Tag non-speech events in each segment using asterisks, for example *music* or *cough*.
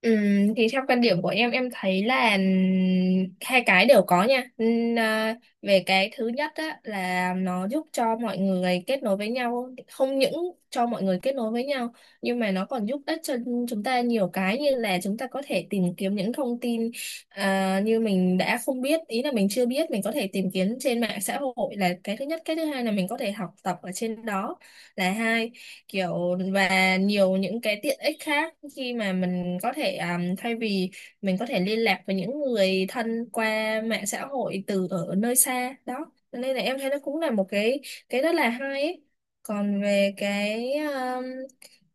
Ừm, thì theo quan điểm của em thấy là hai cái đều có nha. Về cái thứ nhất á, là nó giúp cho mọi người kết nối với nhau, không những cho mọi người kết nối với nhau, nhưng mà nó còn giúp ích cho chúng ta nhiều cái, như là chúng ta có thể tìm kiếm những thông tin như mình đã không biết, ý là mình chưa biết mình có thể tìm kiếm trên mạng xã hội, là cái thứ nhất. Cái thứ hai là mình có thể học tập ở trên đó, là hai kiểu, và nhiều những cái tiện ích khác khi mà mình có thể thay vì mình có thể liên lạc với những người thân qua mạng xã hội từ ở nơi xa đó. Cho nên là em thấy nó cũng là một cái rất là hay ấy. Còn về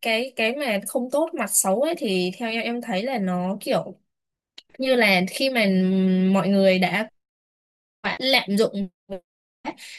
cái mà không tốt, mặt xấu ấy, thì theo em thấy là nó kiểu như là khi mà mọi người đã quá lạm dụng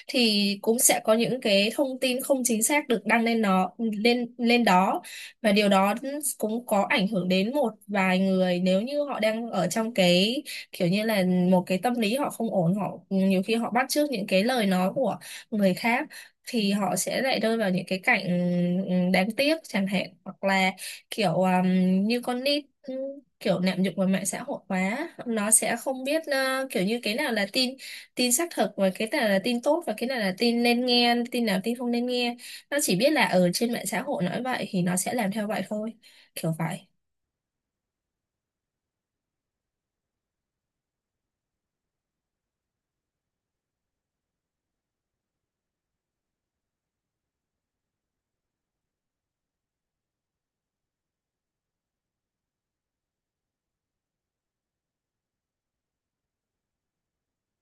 thì cũng sẽ có những cái thông tin không chính xác được đăng lên, nó lên lên đó, và điều đó cũng có ảnh hưởng đến một vài người, nếu như họ đang ở trong cái kiểu như là một cái tâm lý họ không ổn, họ nhiều khi họ bắt chước những cái lời nói của người khác thì họ sẽ lại rơi vào những cái cảnh đáng tiếc chẳng hạn, hoặc là kiểu như con nít, kiểu lạm dụng vào mạng xã hội quá, nó sẽ không biết kiểu như cái nào là tin tin xác thực, và cái nào là tin tốt, và cái nào là tin nên nghe, tin nào tin không nên nghe. Nó chỉ biết là ở trên mạng xã hội nói vậy thì nó sẽ làm theo vậy thôi, kiểu vậy.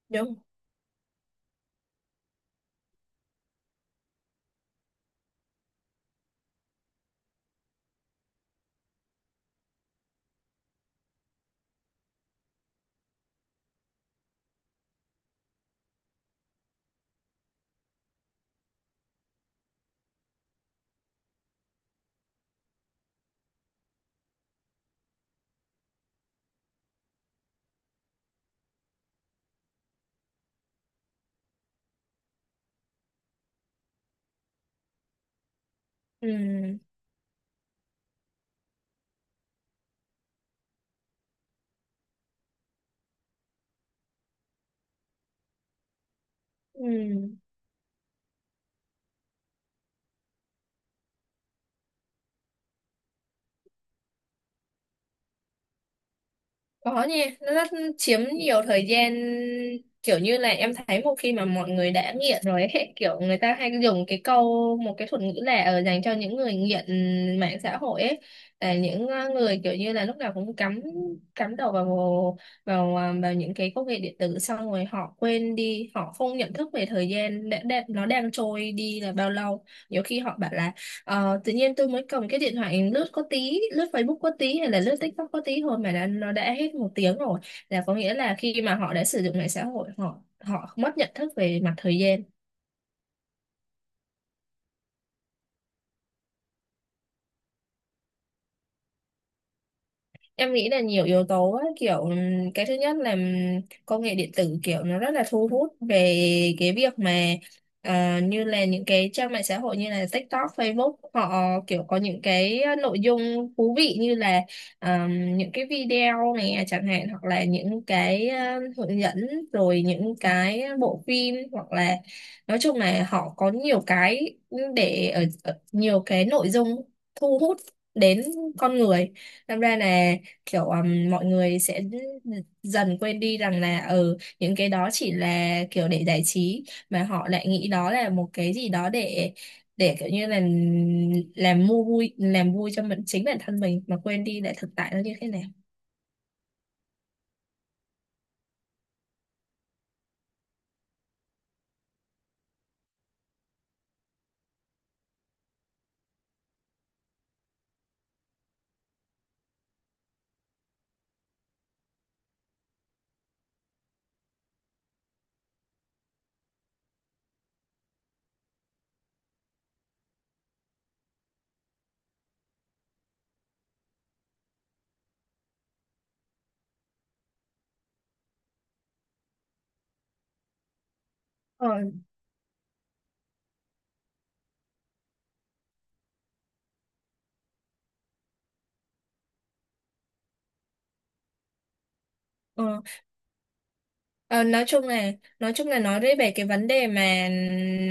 Đúng không? Ừ, ừ. Có nhỉ, nó rất chiếm nhiều thời gian, kiểu như là em thấy một khi mà mọi người đã nghiện rồi ấy, *laughs* kiểu người ta hay dùng cái câu, một cái thuật ngữ là ở dành cho những người nghiện mạng xã hội ấy, là những người kiểu như là lúc nào cũng cắm cắm đầu vào vào ờ, vào những cái công nghệ điện tử, xong rồi họ quên đi, họ không nhận thức về thời gian nó đang trôi đi là bao lâu. Nhiều khi họ bảo là, ờ, tự nhiên tôi mới cầm cái điện thoại lướt có tí, lướt Facebook có tí, hay là lướt TikTok có tí thôi mà nó đã hết một tiếng rồi. Là có nghĩa là khi mà họ đã sử dụng mạng xã hội, họ họ mất nhận thức về mặt thời gian. Em nghĩ là nhiều yếu tố ấy, kiểu cái thứ nhất là công nghệ điện tử kiểu nó rất là thu hút về cái việc mà như là những cái trang mạng xã hội như là TikTok, Facebook, họ kiểu có những cái nội dung thú vị như là những cái video này chẳng hạn, hoặc là những cái hướng dẫn, rồi những cái bộ phim, hoặc là nói chung là họ có nhiều cái để ở nhiều cái nội dung thu hút đến con người. Làm ra là kiểu mọi người sẽ dần quên đi rằng là những cái đó chỉ là kiểu để giải trí, mà họ lại nghĩ đó là một cái gì đó để kiểu như là làm mua vui, làm vui cho chính bản thân mình, mà quên đi lại thực tại nó như thế nào. Ờ, ờ, nói chung là, nói về cái vấn đề mà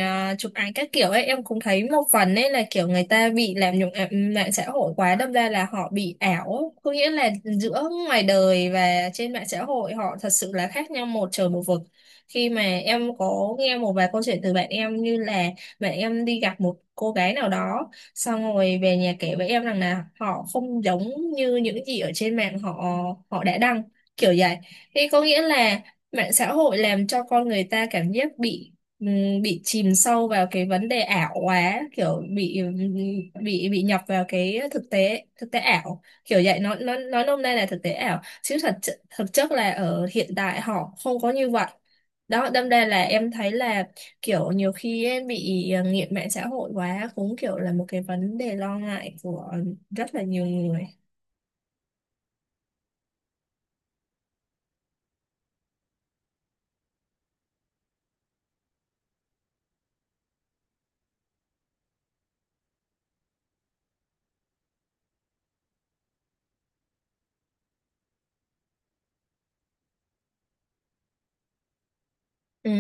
chụp ảnh các kiểu ấy, em cũng thấy một phần ấy là kiểu người ta bị làm nhục mạng xã hội quá, đâm ra là họ bị ảo, có nghĩa là giữa ngoài đời và trên mạng xã hội họ thật sự là khác nhau một trời một vực. Khi mà em có nghe một vài câu chuyện từ bạn em, như là bạn em đi gặp một cô gái nào đó, xong rồi về nhà kể với em rằng là họ không giống như những gì ở trên mạng họ họ đã đăng, kiểu vậy. Thế có nghĩa là mạng xã hội làm cho con người ta cảm giác bị chìm sâu vào cái vấn đề ảo quá, kiểu bị, bị nhập vào cái thực tế ảo. Kiểu vậy, nó nói nôm na là thực tế ảo, chứ thật thực chất là ở hiện tại họ không có như vậy. Đó, đâm ra là em thấy là kiểu nhiều khi em bị nghiện mạng xã hội quá, cũng kiểu là một cái vấn đề lo ngại của rất là nhiều người. Ừ,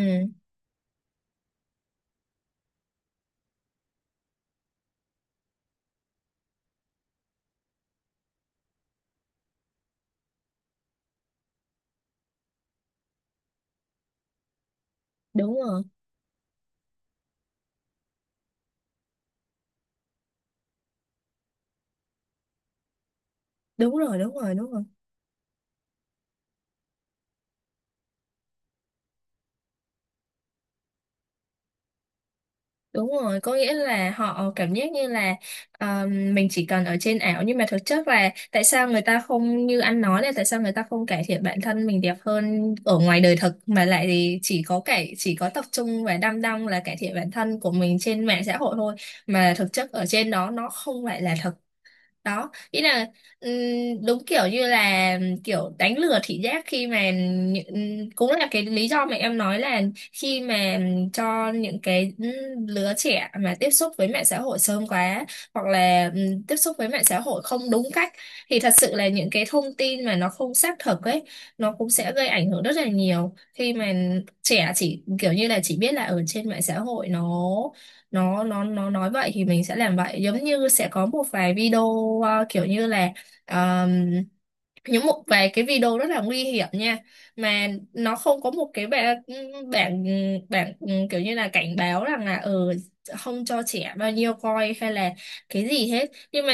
đúng rồi. Đúng rồi, đúng rồi, đúng rồi, đúng rồi. Đúng rồi, có nghĩa là họ cảm giác như là, ờ, mình chỉ cần ở trên ảo, nhưng mà thực chất là tại sao người ta không, như anh nói là tại sao người ta không cải thiện bản thân mình đẹp hơn ở ngoài đời thực, mà lại thì chỉ có chỉ có tập trung và đăm đăm là cải thiện bản thân của mình trên mạng xã hội thôi, mà thực chất ở trên đó nó không phải là thật. Đó nghĩa là đúng kiểu như là kiểu đánh lừa thị giác, khi mà cũng là cái lý do mà em nói là, khi mà cho những cái lứa trẻ mà tiếp xúc với mạng xã hội sớm quá, hoặc là tiếp xúc với mạng xã hội không đúng cách, thì thật sự là những cái thông tin mà nó không xác thực ấy, nó cũng sẽ gây ảnh hưởng rất là nhiều, khi mà trẻ chỉ kiểu như là chỉ biết là ở trên mạng xã hội nó nói vậy thì mình sẽ làm vậy, giống như sẽ có một vài video kiểu như là những một vài cái video rất là nguy hiểm nha, mà nó không có một cái bảng bảng bảng kiểu như là cảnh báo rằng là, ờ, không cho trẻ bao nhiêu coi hay là cái gì hết. Nhưng mà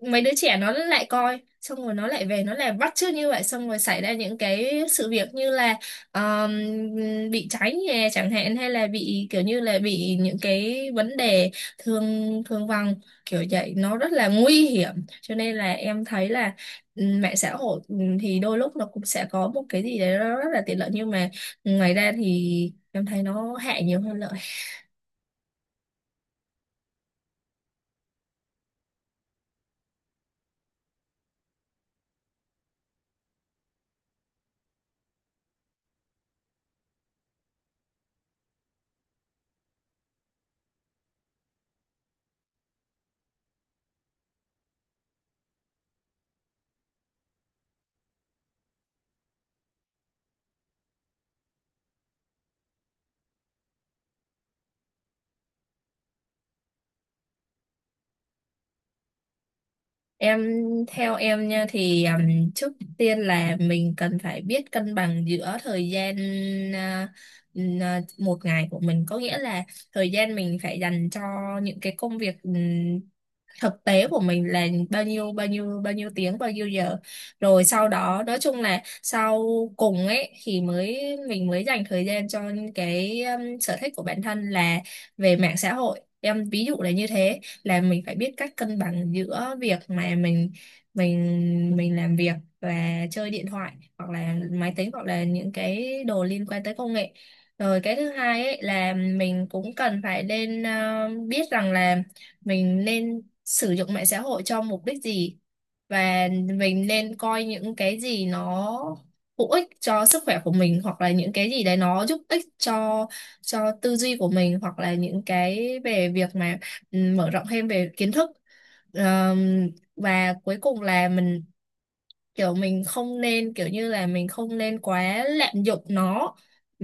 mấy đứa trẻ nó lại coi, xong rồi nó lại về nó lại bắt chước như vậy, xong rồi xảy ra những cái sự việc như là um, bị cháy nhà chẳng hạn, hay là bị kiểu như là bị những cái vấn đề thương thương vong, kiểu vậy, nó rất là nguy hiểm. Cho nên là em thấy là, ừ, mạng xã hội, ừ, thì đôi lúc nó cũng sẽ có một cái gì đấy nó rất là tiện lợi, nhưng mà ngoài ra thì em thấy nó hại nhiều hơn lợi. em Theo em nha thì trước tiên là mình cần phải biết cân bằng giữa thời gian, à, một ngày của mình, có nghĩa là thời gian mình phải dành cho những cái công việc thực tế của mình là bao nhiêu, bao nhiêu tiếng, bao nhiêu giờ, rồi sau đó nói chung là sau cùng ấy thì mình mới dành thời gian cho cái sở thích của bản thân, là về mạng xã hội, em ví dụ là như thế, là mình phải biết cách cân bằng giữa việc mà mình mình làm việc và chơi điện thoại, hoặc là máy tính, hoặc là những cái đồ liên quan tới công nghệ. Rồi cái thứ hai ấy là mình cũng cần phải nên biết rằng là mình nên sử dụng mạng xã hội cho mục đích gì, và mình nên coi những cái gì nó hữu ích cho sức khỏe của mình, hoặc là những cái gì đấy nó giúp ích cho tư duy của mình, hoặc là những cái về việc mà, ừ, mở rộng thêm về kiến thức. Ờm, và cuối cùng là mình kiểu mình không nên, kiểu như là mình không nên quá lạm dụng nó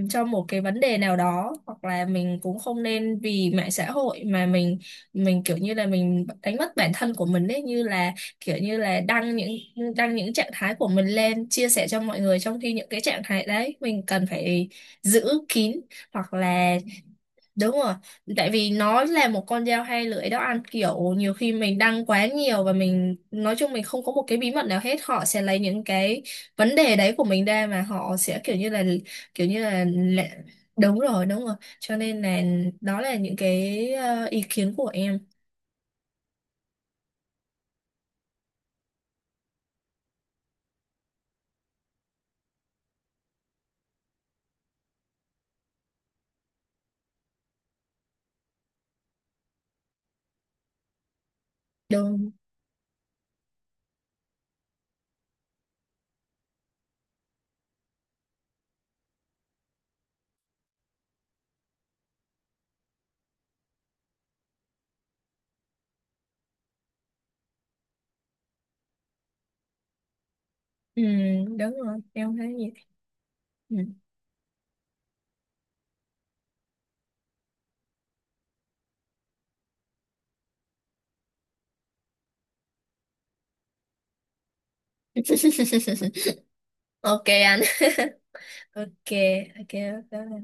cho một cái vấn đề nào đó, hoặc là mình cũng không nên vì mạng xã hội mà mình kiểu như là mình đánh mất bản thân của mình ấy, như là kiểu như là đăng những trạng thái của mình lên chia sẻ cho mọi người, trong khi những cái trạng thái đấy mình cần phải giữ kín, hoặc là. Đúng rồi, tại vì nó là một con dao hai lưỡi đó anh, kiểu nhiều khi mình đăng quá nhiều và mình nói chung mình không có một cái bí mật nào hết, họ sẽ lấy những cái vấn đề đấy của mình ra mà họ sẽ kiểu như là, kiểu như là, là. Đúng rồi, đúng rồi, cho nên là đó là những cái ý kiến của em. Đúng. ừ, Đúng rồi em thấy gì. Ừ. Ok anh. *laughs* Ok. Ok.